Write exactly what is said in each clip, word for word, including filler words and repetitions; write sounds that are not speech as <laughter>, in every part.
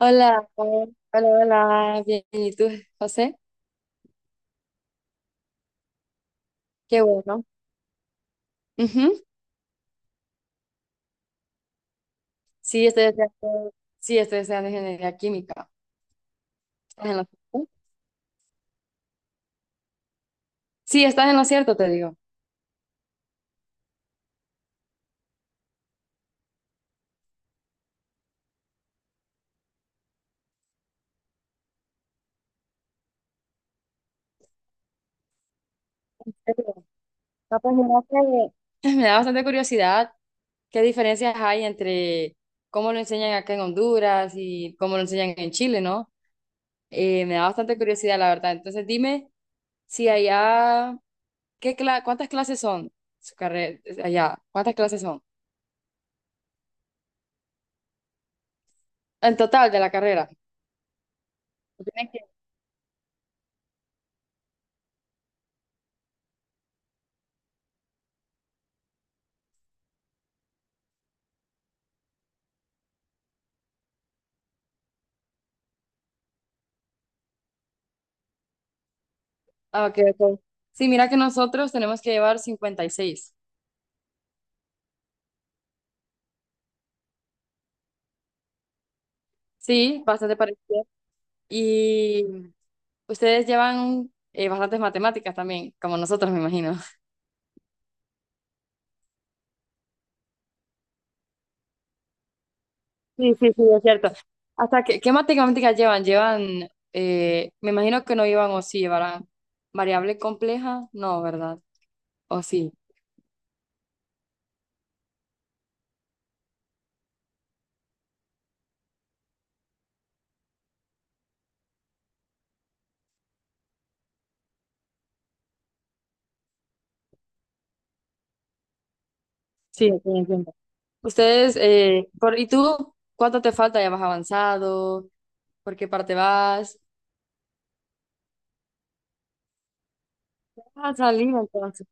Hola, hola, hola, bien, ¿y tú, José? Qué bueno. Ujú. Sí, estoy deseando, sí, estoy estudiando ingeniería química. ¿Estás en lo cierto? Sí, estás en lo cierto, te digo. Pero, no, pues, mira que <clears throat> me da bastante curiosidad qué diferencias hay entre cómo lo enseñan acá en Honduras y cómo lo enseñan en Chile, ¿no? Eh, me da bastante curiosidad, la verdad. Entonces, dime si allá, ¿qué cla- cuántas clases son su carrera allá? ¿Cuántas clases son? En total de la carrera. Tiene que- ah, ok, ok. Sí, mira que nosotros tenemos que llevar cincuenta y seis. Sí, bastante parecido. Y ustedes llevan eh, bastantes matemáticas también, como nosotros, me imagino. Sí, sí, sí, es cierto. Hasta que, ¿qué matemáticas llevan? Llevan, eh, me imagino que no llevan o sí llevarán variable compleja, no, ¿verdad? O sí. Sí, ok, entiendo. Ustedes, eh, por, ¿y tú cuánto te falta? ¿Ya vas avanzado? ¿Por qué parte vas? Vas a salir entonces.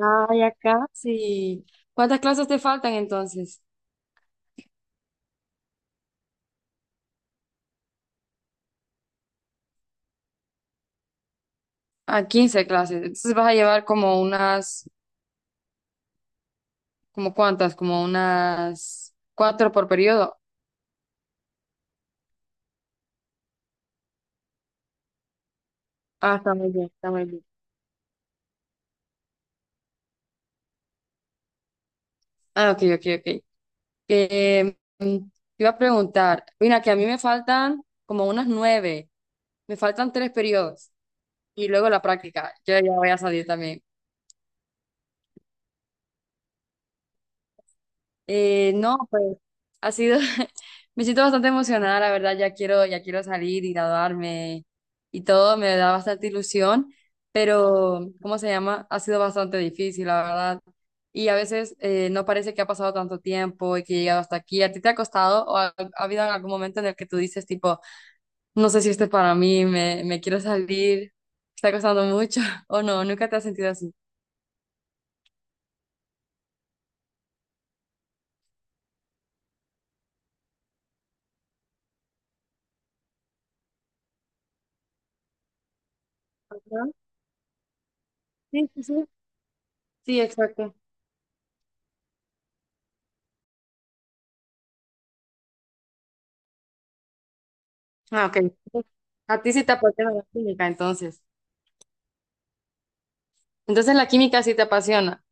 Ay, acá sí. ¿Cuántas clases te faltan entonces? Ah, quince clases. Entonces vas a llevar como unas, ¿como cuántas? Como unas cuatro por periodo. Ah, está muy bien, está muy bien. Ah, ok, ok, ok. Eh, mm, te iba a preguntar, mira, que a mí me faltan como unas nueve, me faltan tres periodos y luego la práctica. Yo ya voy a salir también. Eh, no, pues ha sido, <laughs> me siento bastante emocionada, la verdad, ya quiero, ya quiero salir y graduarme y todo, me da bastante ilusión, pero, ¿cómo se llama? Ha sido bastante difícil, la verdad. Y a veces eh, no parece que ha pasado tanto tiempo y que he llegado hasta aquí. ¿A ti te ha costado o ha, ha habido algún momento en el que tú dices, tipo, no sé si esto es para mí, me, me quiero salir, está costando mucho <laughs> o no, nunca te has sentido así? ¿No? Sí, sí, sí. Sí, exacto. Ah, ok. A ti sí te apasiona la química, entonces. Entonces la química sí te apasiona.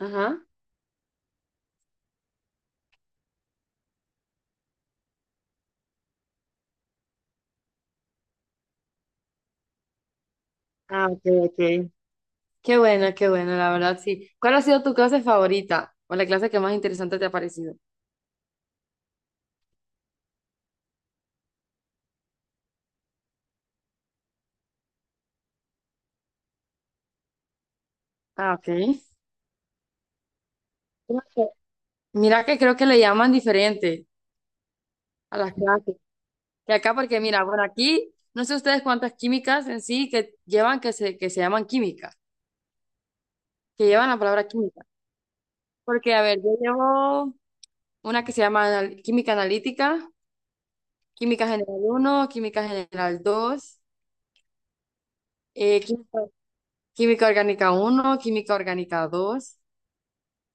Ajá. Ah, ok, ok. Qué bueno, qué bueno, la verdad sí. ¿Cuál ha sido tu clase favorita o la clase que más interesante te ha parecido? Ah, ok. Creo que- mira que creo que le llaman diferente a las clases. Que acá, porque mira, bueno, aquí no sé ustedes cuántas químicas en sí que llevan que se, que se llaman química, que llevan la palabra química. Porque, a ver, yo llevo una que se llama anal- química analítica. Química general uno, química general dos, eh, química, química orgánica uno, química orgánica dos.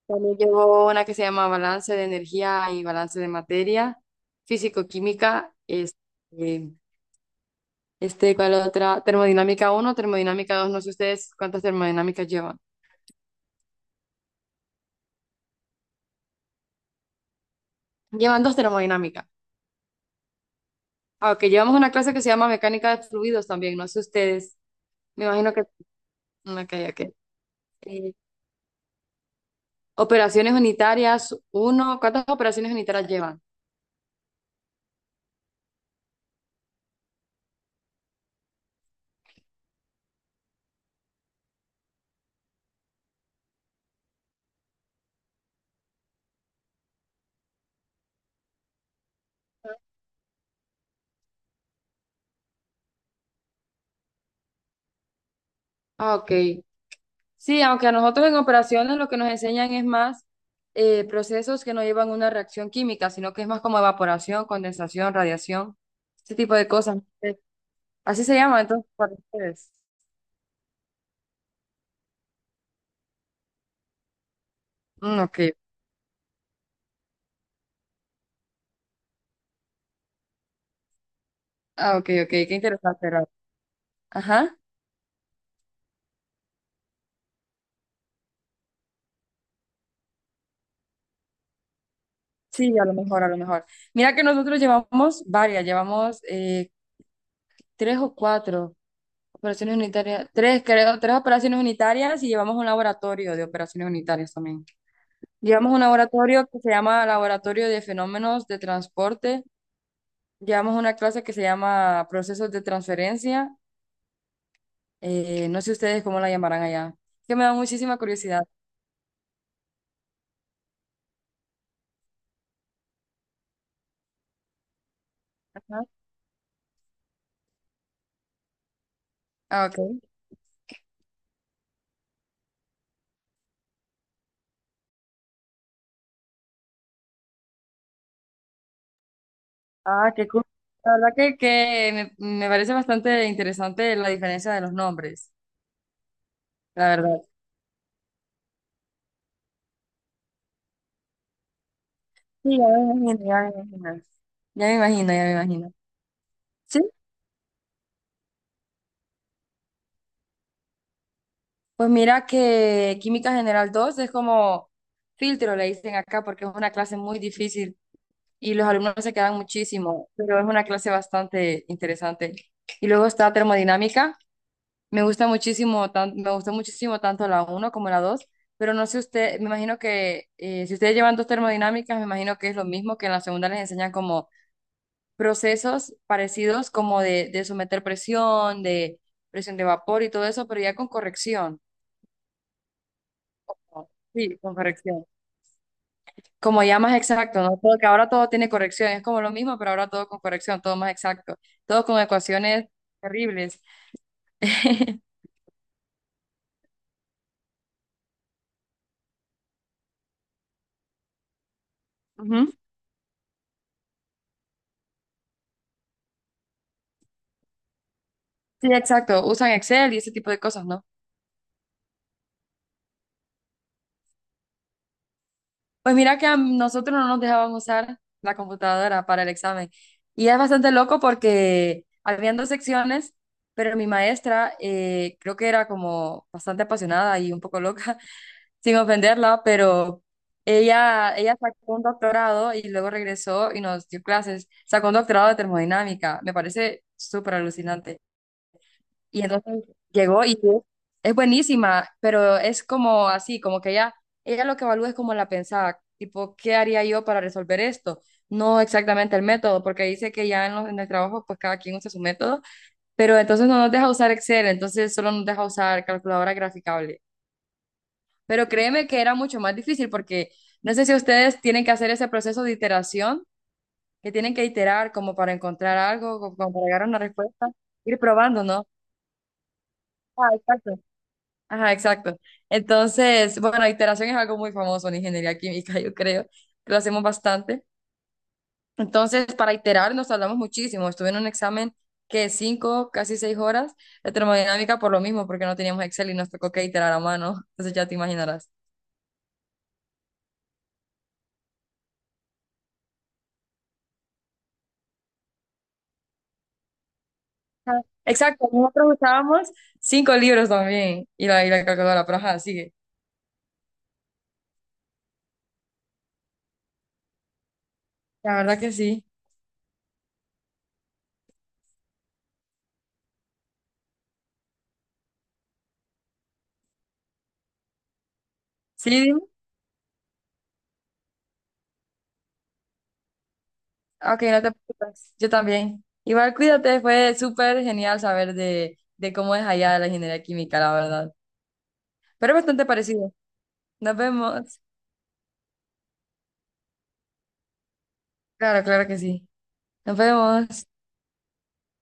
También llevo una que se llama balance de energía y balance de materia, físico-química, este, este, ¿cuál otra? Termodinámica uno, termodinámica dos. No sé ustedes cuántas termodinámicas llevan. Llevan dos termodinámicas. Aunque llevamos una clase que se llama mecánica de fluidos también, no sé ustedes. Me imagino que... Ok, ok. Eh, operaciones unitarias uno. ¿Cuántas operaciones unitarias llevan? Ah, ok. Sí, aunque a nosotros en operaciones lo que nos enseñan es más eh, procesos que no llevan una reacción química, sino que es más como evaporación, condensación, radiación, este tipo de cosas. Eh, Así se llama entonces para ustedes. Mm, ok. Ah, ok, ok. Qué interesante, Raúl. Ajá. Sí, a lo mejor, a lo mejor. Mira que nosotros llevamos varias, llevamos eh, tres o cuatro operaciones unitarias, tres creo, tres operaciones unitarias y llevamos un laboratorio de operaciones unitarias también. Llevamos un laboratorio que se llama Laboratorio de Fenómenos de Transporte. Llevamos una clase que se llama Procesos de Transferencia. Eh, no sé ustedes cómo la llamarán allá. Que me da muchísima curiosidad. Ajá. Ah, ok. Ah, qué cool. La verdad que, que me, me parece bastante interesante la diferencia de los nombres, la verdad. Sí, ya me imagino, ya me imagino. Ya me imagino, ya me imagino. Sí, pues mira que Química General dos es como filtro, le dicen acá, porque es una clase muy difícil y los alumnos se quedan muchísimo, pero es una clase bastante interesante. Y luego está termodinámica. Me gusta muchísimo, tan- me gustó muchísimo tanto la uno como la dos, pero no sé usted, me imagino que eh, si ustedes llevan dos termodinámicas, me imagino que es lo mismo que en la segunda les enseñan como procesos parecidos como de, de someter presión, de presión de vapor y todo eso, pero ya con corrección. Sí, con corrección. Como ya más exacto, ¿no? Porque ahora todo tiene corrección, es como lo mismo, pero ahora todo con corrección, todo más exacto, todo con ecuaciones terribles. <laughs> Ujú. Sí, exacto, usan Excel y ese tipo de cosas, ¿no? Pues mira que a nosotros no nos dejaban usar la computadora para el examen. Y es bastante loco porque habían dos secciones, pero mi maestra eh, creo que era como bastante apasionada y un poco loca, sin ofenderla, pero ella, ella sacó un doctorado y luego regresó y nos dio clases. Sacó un doctorado de termodinámica, me parece súper alucinante. Y entonces llegó y es es buenísima, pero es como así, como que ella, ella lo que evalúa es como la pensada, tipo, ¿qué haría yo para resolver esto? No exactamente el método, porque dice que ya en, los- en el trabajo, pues cada quien usa su método, pero entonces no nos deja usar Excel, entonces solo nos deja usar calculadora graficable. Pero créeme que era mucho más difícil porque no sé si ustedes tienen que hacer ese proceso de iteración, que tienen que iterar como para encontrar algo, como para llegar a una respuesta, ir probando, ¿no? Ah, exacto. Ajá, exacto. Entonces, bueno, iteración es algo muy famoso en ingeniería química, <laughs> yo creo, que lo hacemos bastante. Entonces, para iterar nos tardamos muchísimo. Estuve en un examen que cinco, casi seis horas de termodinámica por lo mismo, porque no teníamos Excel y nos tocó que iterar a mano. <laughs> Entonces ya te imaginarás. Ajá. Exacto, nosotros usábamos cinco libros también y la, y la calculadora, pero ajá, sigue. La verdad que sí. Sí, dime. Ok, no te preocupes. Yo también. Igual cuídate, fue súper genial saber de, de cómo es allá la ingeniería química, la verdad. Pero es bastante parecido. Nos vemos. Claro, claro que sí. Nos vemos.